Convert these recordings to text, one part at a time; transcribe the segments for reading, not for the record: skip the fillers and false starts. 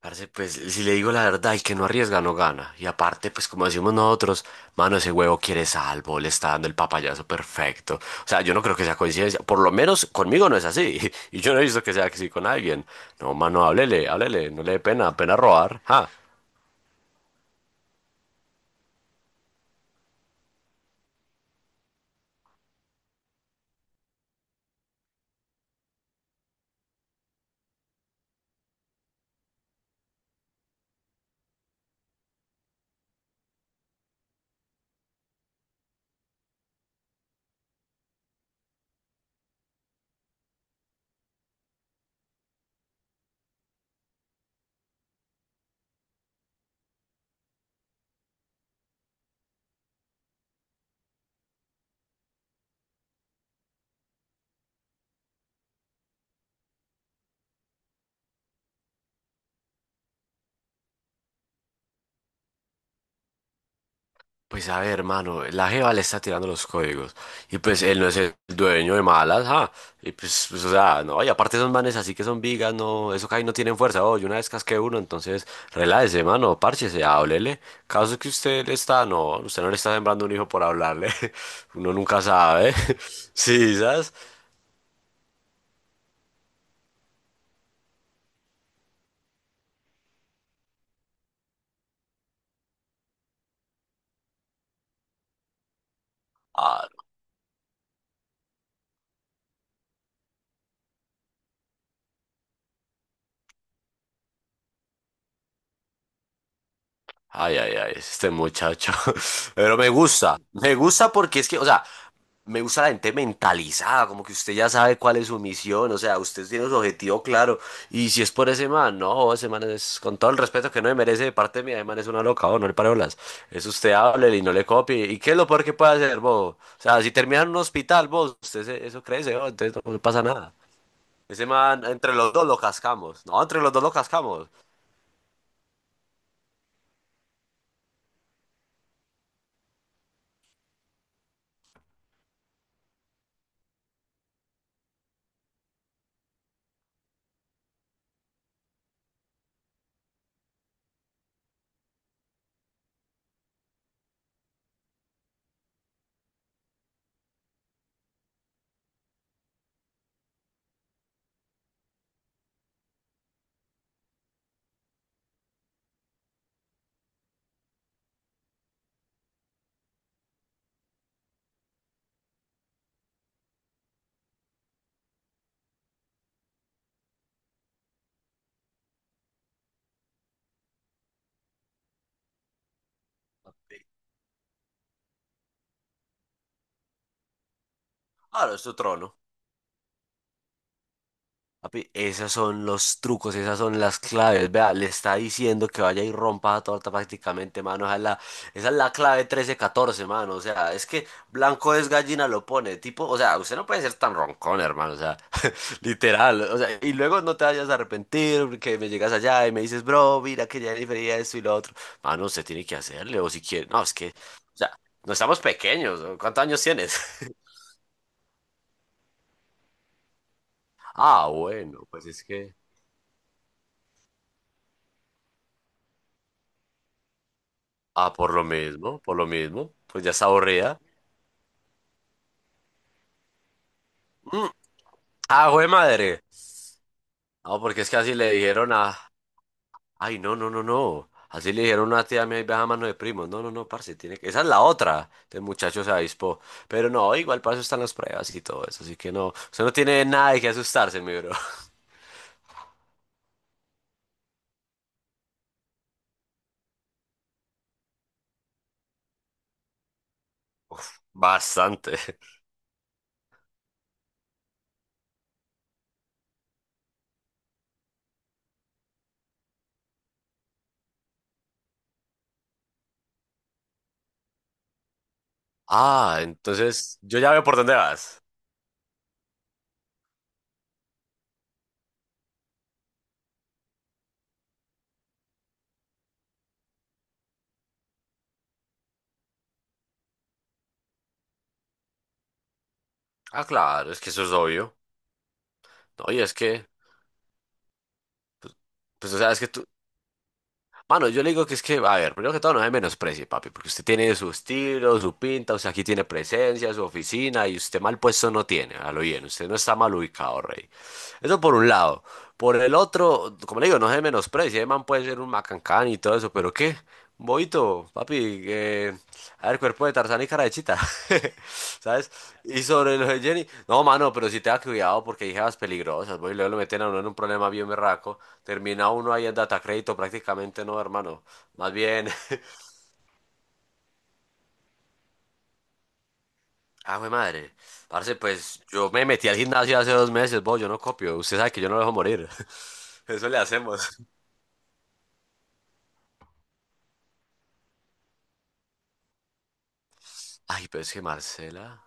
Parce, pues si le digo la verdad, el que no arriesga no gana. Y aparte, pues como decimos nosotros, mano, ese huevo quiere salvo, le está dando el papayazo perfecto. O sea, yo no creo que sea coincidencia. Por lo menos conmigo no es así. Y yo no he visto que sea así con alguien. No, mano, háblele, háblele, no le dé pena, pena robar. Ja. Pues a ver, hermano, la jeva le está tirando los códigos. Y pues él no es el dueño de malas, ¿ah? Y pues, o sea, no, y aparte esos manes así que son vigas, no, eso ahí no tienen fuerza. Oh, yo una vez casqué uno, entonces relájese, mano, párchese, háblele. Caso que usted le está, no, usted no le está sembrando un hijo por hablarle. Uno nunca sabe. Sí, ¿sabes? Ah, Ay, ay, ay, este muchacho. Pero me gusta porque es que, o sea, me gusta la gente mentalizada, como que usted ya sabe cuál es su misión, o sea, usted tiene su objetivo claro. Y si es por ese man, no, ese man es, con todo el respeto que no me merece de parte mía, ese man es una loca, oh, no le pare bolas. Es usted hable y no le copie. ¿Y qué es lo peor que puede hacer, vos? O sea, si termina en un hospital, vos, usted se- eso crece, oh, entonces no, le pasa nada. Ese man, entre los dos lo cascamos. No, entre los dos lo cascamos. Claro, es su trono. Papi, esos son los trucos, esas son las claves. Vea, le está diciendo que vaya y rompa la torta prácticamente, mano. Esa es la clave trece catorce, mano. O sea, es que blanco es gallina, lo pone. Tipo, o sea, usted no puede ser tan roncón, hermano. O sea, literal. O sea, y luego no te vayas a arrepentir porque me llegas allá y me dices, bro, mira que ya difería esto y lo otro. Mano, usted tiene que hacerle, o si quiere. No, es que, o sea, no estamos pequeños. ¿No? ¿Cuántos años tienes? Ah, bueno, pues es que. Ah, por lo mismo, por lo mismo. Pues ya está aburrida. Mm. Ah, jue madre. Ah, porque es que así le dijeron a. Ay, no, no, no, no. Así le dijeron a una tía mía y baja mano de primo. No, no, no, parce, tiene que. Esa es la otra. El muchacho se avispó. Pero no, igual para eso están las pruebas y todo eso. Así que no. Usted no tiene nada de qué asustarse, mi bro. Bastante. Ah, entonces yo ya veo por dónde vas. Ah, claro, es que eso es obvio. No, y es que, pues, o sea, es que tú, mano, yo le digo que es que, a ver, primero que todo no me menosprecie, papi, porque usted tiene su estilo, su pinta, o sea, aquí tiene presencia, su oficina, y usted mal puesto no tiene, a lo bien, usted no está mal ubicado, rey. Eso por un lado. Por el otro, como le digo, no se menosprecie, el man puede ser un macancán y todo eso, pero ¿qué? Un Boito, papi, a ver, cuerpo de Tarzán y cara de chita, ¿sabes? Y sobre lo de Jenny, no, mano, pero sí tenga cuidado porque hay jevas peligrosas, voy, luego lo meten a uno en un problema bien berraco, termina uno ahí en data crédito prácticamente, no, hermano, más bien, ah, güey, madre, parce, pues yo me metí al gimnasio hace dos meses, vos, yo no copio, usted sabe que yo no lo dejo morir, eso le hacemos. Ay, pero es que Marcela,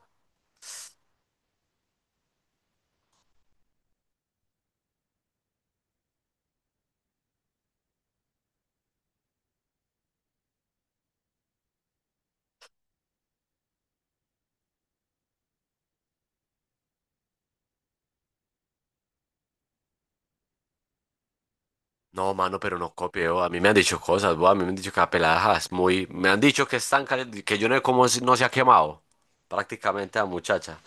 no, mano, pero no copio, a mí me han dicho cosas, vos, a mí me han dicho que la pelada es muy, me han dicho que es tan caliente, que yo no sé cómo no se ha quemado, prácticamente a muchacha.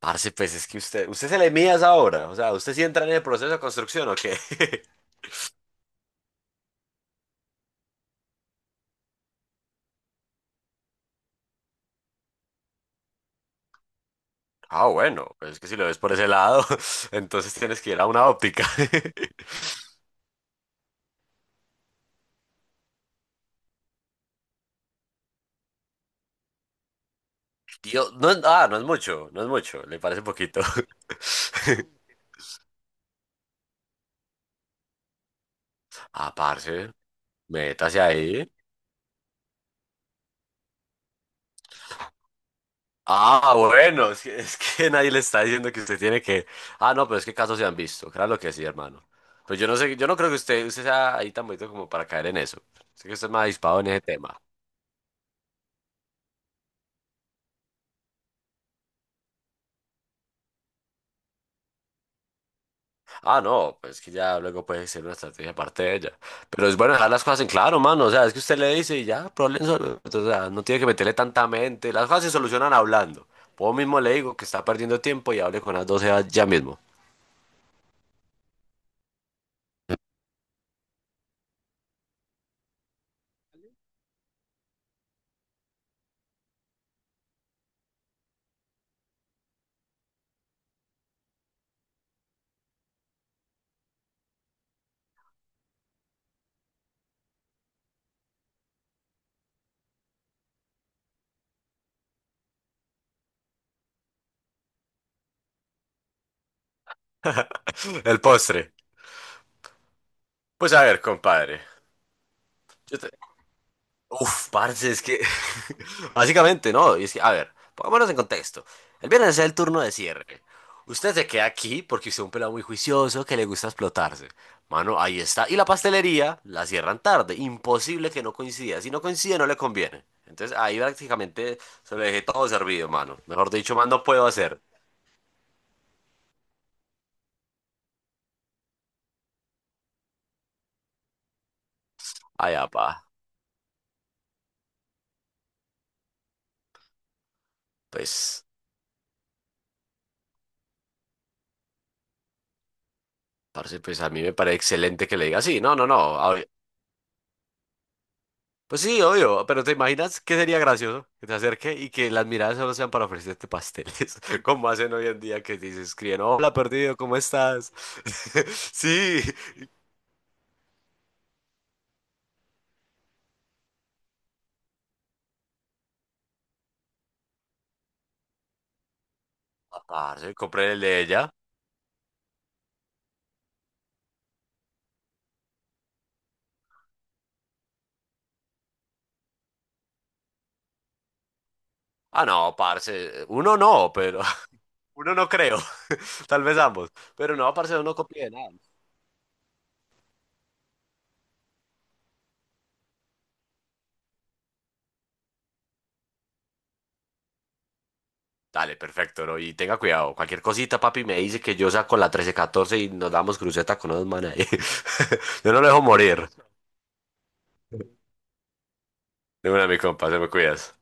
Parce, pues es que usted se le mide a esa obra, o sea, ¿usted sí entra en el proceso de construcción o qué? Ah, bueno, pues es que si lo ves por ese lado, entonces tienes que ir a una óptica. Tío, no, es- ah, no es mucho, no es mucho, le parece poquito. Ah, parce, métase ahí. Ah, bueno, es que nadie le está diciendo que usted tiene que... Ah, no, pero es que casos se han visto, claro lo que sí, hermano. Pues yo no sé, yo no creo que usted sea ahí tan bonito como para caer en eso. Sé que usted es más dispado en ese tema. Ah, no, pues que ya luego puede ser una estrategia aparte de ella. Pero es bueno dejar las cosas en claro, mano. O sea, es que usted le dice y ya, problemas solo. O sea, no tiene que meterle tanta mente. Las cosas se solucionan hablando. Vos mismo le digo que está perdiendo tiempo y hable con las 12 ya mismo. El postre. Pues a ver, compadre. Yo te- uf, parce, es que básicamente no, y es que, a ver, pongámonos en contexto. El viernes es el turno de cierre. Usted se queda aquí porque usted es un pelado muy juicioso que le gusta explotarse. Mano, ahí está. Y la pastelería la cierran tarde. Imposible que no coincida. Si no coincide, no le conviene. Entonces ahí prácticamente se lo dejé todo servido, mano. Mejor dicho, más no puedo hacer. Ay, apa, pues, parce, pues a mí me parece excelente que le diga, sí, no, no, no. A- pues sí, obvio, pero ¿te imaginas qué sería gracioso que te acerque y que las miradas solo sean para ofrecerte pasteles? Como hacen hoy en día que dices, escriben, hola perdido, ¿cómo estás? Sí, "Ah, parce, compré el de ella. Ah, no, parce, uno no, pero uno no creo, tal vez ambos, pero no, parce, uno copia de nada. Dale, perfecto, ¿no? Y tenga cuidado, cualquier cosita, papi, me dice que yo saco la trece, catorce y nos damos cruceta con unos manes ahí. Yo no lo dejo morir. De una, mi compa, se me cuidas.